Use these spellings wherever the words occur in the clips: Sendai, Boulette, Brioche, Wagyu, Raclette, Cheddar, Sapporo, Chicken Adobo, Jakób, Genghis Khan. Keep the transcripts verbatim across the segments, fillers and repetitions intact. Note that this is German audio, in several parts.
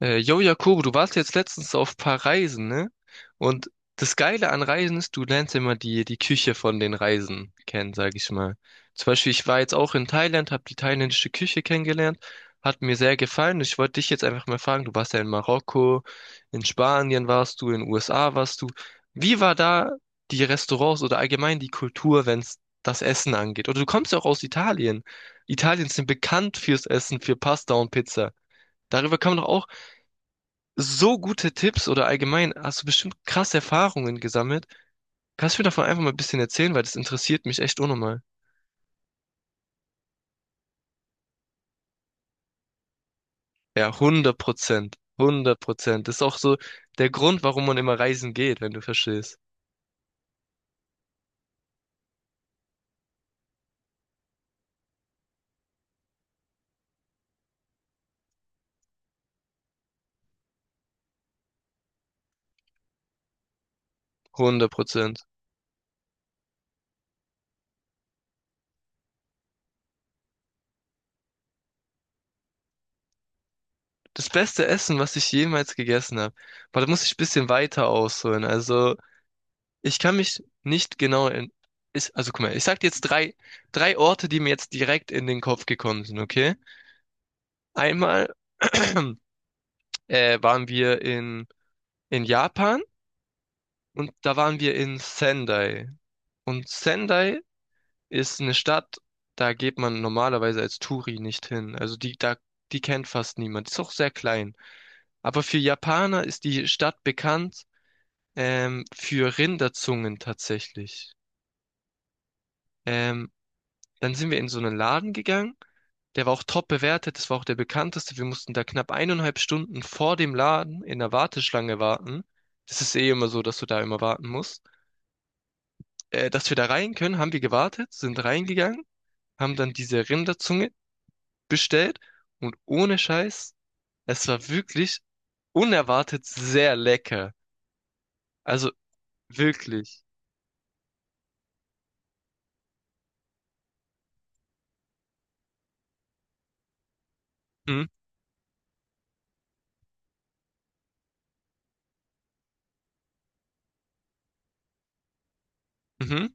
Äh, yo, Jakobo, du warst jetzt letztens auf ein paar Reisen, ne? Und das Geile an Reisen ist, du lernst ja immer die, die Küche von den Reisen kennen, sag ich mal. Zum Beispiel, ich war jetzt auch in Thailand, habe die thailändische Küche kennengelernt, hat mir sehr gefallen. Ich wollte dich jetzt einfach mal fragen, du warst ja in Marokko, in Spanien warst du, in den U S A warst du. Wie war da die Restaurants oder allgemein die Kultur, wenn es das Essen angeht? Oder du kommst ja auch aus Italien. Italien sind bekannt fürs Essen, für Pasta und Pizza. Darüber kann man doch auch so gute Tipps oder allgemein hast du bestimmt krasse Erfahrungen gesammelt. Kannst du mir davon einfach mal ein bisschen erzählen, weil das interessiert mich echt unnormal. Ja, hundert Prozent. Hundert Prozent. Das ist auch so der Grund, warum man immer reisen geht, wenn du verstehst. Hundert Prozent. Das beste Essen, was ich jemals gegessen habe. Aber da muss ich ein bisschen weiter ausholen. Also, ich kann mich nicht genau in, ich, also guck mal, ich sag dir jetzt drei, drei Orte, die mir jetzt direkt in den Kopf gekommen sind, okay? Einmal äh, waren wir in in Japan und da waren wir in Sendai. Und Sendai ist eine Stadt, da geht man normalerweise als Touri nicht hin. Also die, da, die kennt fast niemand. Ist auch sehr klein. Aber für Japaner ist die Stadt bekannt ähm, für Rinderzungen tatsächlich. Ähm, Dann sind wir in so einen Laden gegangen. Der war auch top bewertet. Das war auch der bekannteste. Wir mussten da knapp eineinhalb Stunden vor dem Laden in der Warteschlange warten. Das ist eh immer so, dass du da immer warten musst. äh, dass wir da rein können, haben wir gewartet, sind reingegangen, haben dann diese Rinderzunge bestellt und ohne Scheiß, es war wirklich unerwartet sehr lecker. Also wirklich. Mhm, mhm,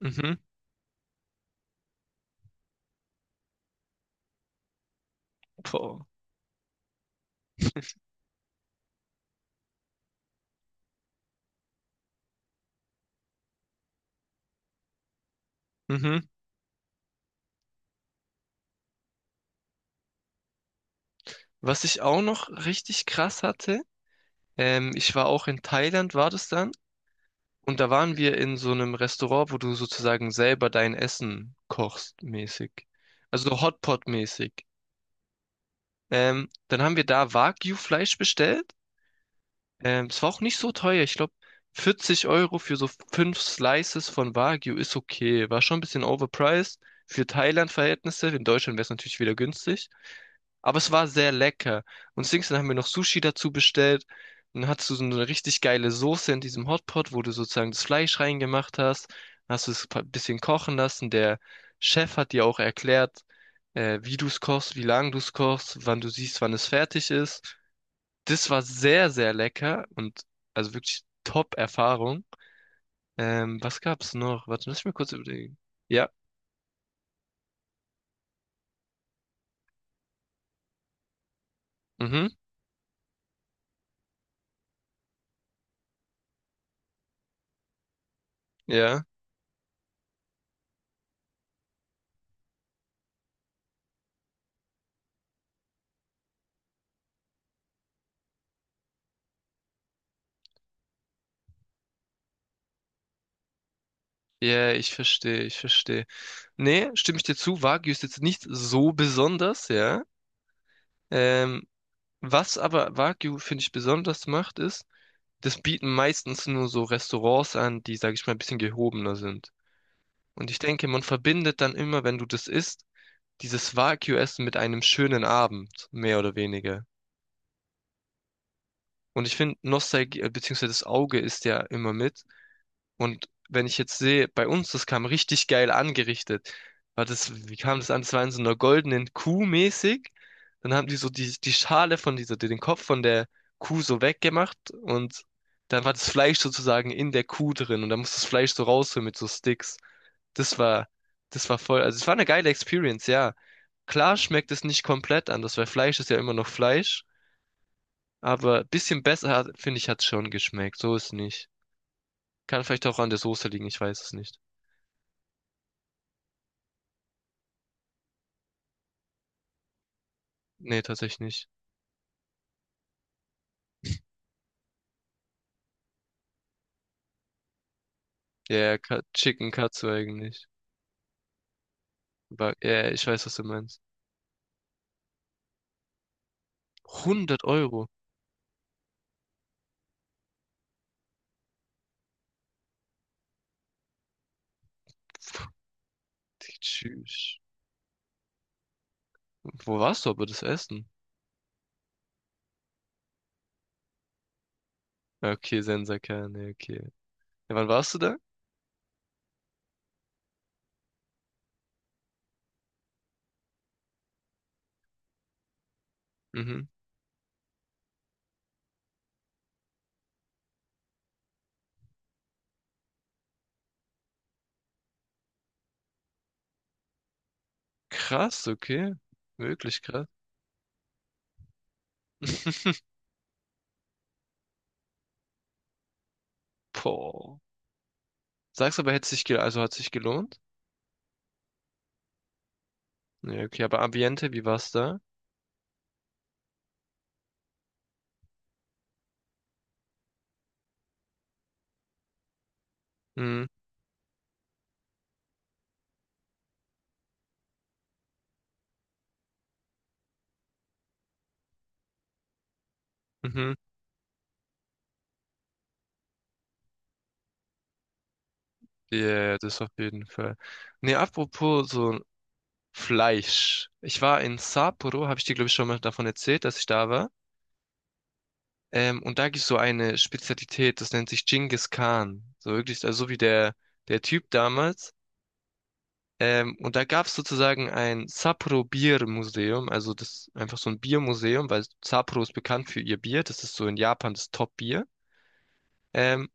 mhm, boah, mhm. Was ich auch noch richtig krass hatte, ähm, ich war auch in Thailand, war das dann, und da waren wir in so einem Restaurant, wo du sozusagen selber dein Essen kochst, mäßig. Also so Hotpot-mäßig. Ähm, dann haben wir da Wagyu-Fleisch bestellt. Ähm, es war auch nicht so teuer. Ich glaube, vierzig Euro für so fünf Slices von Wagyu ist okay. War schon ein bisschen overpriced für Thailand-Verhältnisse. In Deutschland wäre es natürlich wieder günstig. Aber es war sehr lecker. Und Dings, dann haben wir noch Sushi dazu bestellt. Dann hattest du so eine richtig geile Soße in diesem Hotpot, wo du sozusagen das Fleisch reingemacht hast. Dann hast du es ein bisschen kochen lassen. Der Chef hat dir auch erklärt, äh, wie du es kochst, wie lange du es kochst, wann du siehst, wann es fertig ist. Das war sehr, sehr lecker und also wirklich Top-Erfahrung. Ähm, was gab's noch? Warte, lass mich mal kurz überlegen. Ja, mhm, ja. Ja, ich verstehe, ich verstehe. Nee, stimme ich dir zu, Wagyu ist jetzt nicht so besonders, ja. Ähm, Was aber Wagyu, finde ich, besonders macht, ist, das bieten meistens nur so Restaurants an, die, sage ich mal, ein bisschen gehobener sind. Und ich denke, man verbindet dann immer, wenn du das isst, dieses Wagyu-Essen mit einem schönen Abend, mehr oder weniger. Und ich finde, Nostalgie, äh, beziehungsweise das Auge ist ja immer mit. Und wenn ich jetzt sehe, bei uns, das kam richtig geil angerichtet. War das, wie kam das an? Das war in so einer goldenen Kuh mäßig. Dann haben die so die, die Schale von dieser, den Kopf von der Kuh so weggemacht und dann war das Fleisch sozusagen in der Kuh drin und dann musste das Fleisch so rausholen mit so Sticks. Das war, das war voll, also es war eine geile Experience, ja. Klar schmeckt es nicht komplett anders, weil Fleisch ist ja immer noch Fleisch. Aber bisschen besser, hat- finde ich, hat's schon geschmeckt. So ist nicht. Kann vielleicht auch an der Soße liegen, ich weiß es nicht. Nee, tatsächlich nicht. Ja, ja, Ka- Chicken Katsu eigentlich. Aber, ja, ja, ich weiß, was du meinst. hundert Euro. Tschüss. Wo warst du aber das Essen? Ja, okay, Sensaker, nee, okay. Ja, wann warst du da? Mhm. Krass, okay. Wirklich krass. Boah. Sagst aber, hätte sich gel also hat sich gelohnt? Ja, okay, aber Ambiente, wie war's da? Mhm. Mhm. Ja, das auf jeden Fall. Nee, apropos so Fleisch. Ich war in Sapporo, habe ich dir, glaube ich, schon mal davon erzählt, dass ich da war. Ähm, und da gibt es so eine Spezialität, das nennt sich Genghis Khan. So wirklich, also so wie der, der Typ damals. Ähm, und da gab es sozusagen ein Sapporo Bier Museum, also das einfach so ein Biermuseum, weil Sapporo ist bekannt für ihr Bier. Das ist so in Japan das Top-Bier. Ähm,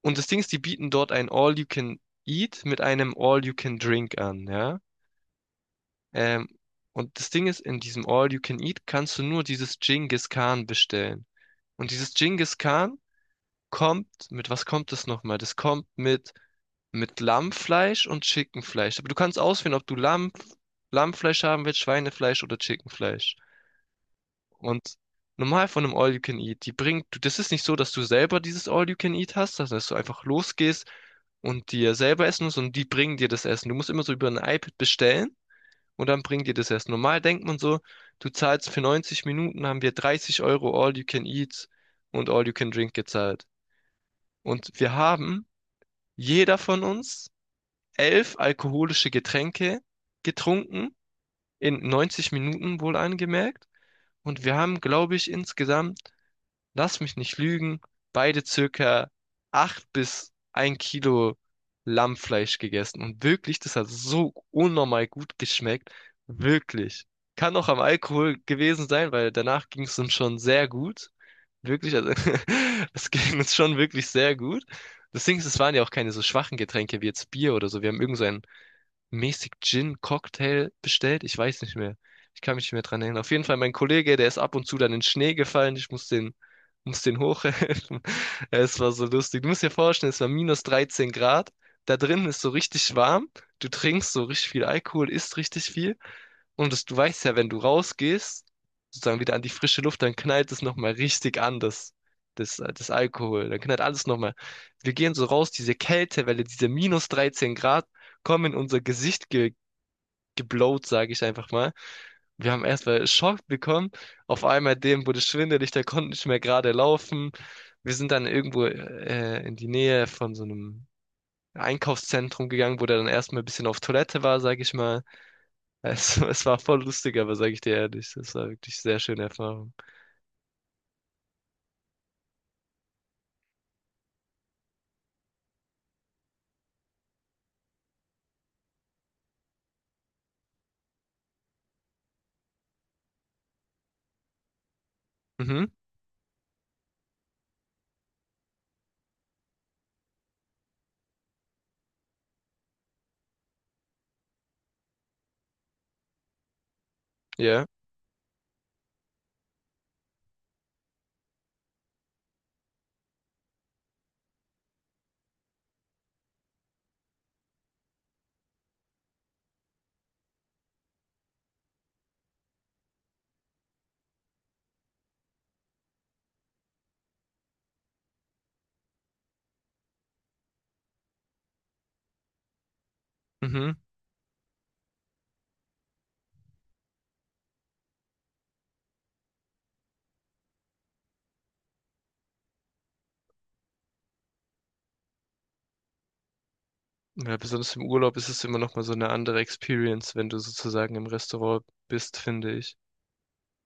und das Ding ist, die bieten dort ein All-You-Can-Eat mit einem All-You-Can-Drink an, ja. Ähm, und das Ding ist, in diesem All You Can Eat kannst du nur dieses Genghis Khan bestellen. Und dieses Genghis Khan kommt, mit was kommt das nochmal? Das kommt mit, mit Lammfleisch und Chickenfleisch. Aber du kannst auswählen, ob du Lamm, Lammfleisch haben willst, Schweinefleisch oder Chickenfleisch. Und normal von einem All You Can Eat, die bringt, du- das ist nicht so, dass du selber dieses All You Can Eat hast, sondern dass du einfach losgehst und dir selber essen musst und die bringen dir das Essen. Du musst immer so über ein iPad bestellen und dann bringt ihr das erst. Normal denkt man so, du zahlst für neunzig Minuten, haben wir dreißig Euro All You Can Eat und All You Can Drink gezahlt. Und wir haben, jeder von uns, elf alkoholische Getränke getrunken, in neunzig Minuten wohl angemerkt. Und wir haben, glaube ich, insgesamt lass mich nicht lügen, beide circa acht bis ein Kilo Lammfleisch gegessen. Und wirklich, das hat so unnormal gut geschmeckt. Wirklich. Kann auch am Alkohol gewesen sein, weil danach ging es uns schon sehr gut. Wirklich, also es ging uns schon wirklich sehr gut. Das Ding ist, es waren ja auch keine so schwachen Getränke wie jetzt Bier oder so. Wir haben irgend so ein mäßig Gin-Cocktail bestellt. Ich weiß nicht mehr. Ich kann mich nicht mehr dran erinnern. Auf jeden Fall mein Kollege, der ist ab und zu dann in den Schnee gefallen. Ich muss den, muss den hochhelfen. Es war so lustig. Du musst dir vorstellen, es war minus dreizehn Grad. Da drin ist so richtig warm. Du trinkst so richtig viel Alkohol, isst richtig viel. Und das, du weißt ja, wenn du rausgehst, sozusagen wieder an die frische Luft, dann knallt es nochmal richtig an, das, das, äh, das Alkohol. Dann knallt alles nochmal. Wir gehen so raus, diese Kältewelle, diese minus dreizehn Grad kommen in unser Gesicht ge geblowt, sage ich einfach mal. Wir haben erstmal Schock bekommen. Auf einmal dem wurde schwindelig, der konnte nicht mehr gerade laufen. Wir sind dann irgendwo äh, in die Nähe von so einem Einkaufszentrum gegangen, wo der dann erstmal ein bisschen auf Toilette war, sage ich mal. Es, es war voll lustig, aber sage ich dir ehrlich, das war wirklich sehr schöne Erfahrung. Mhm, ja, mhm. Ja, besonders im Urlaub ist es immer noch mal so eine andere Experience, wenn du sozusagen im Restaurant bist, finde ich.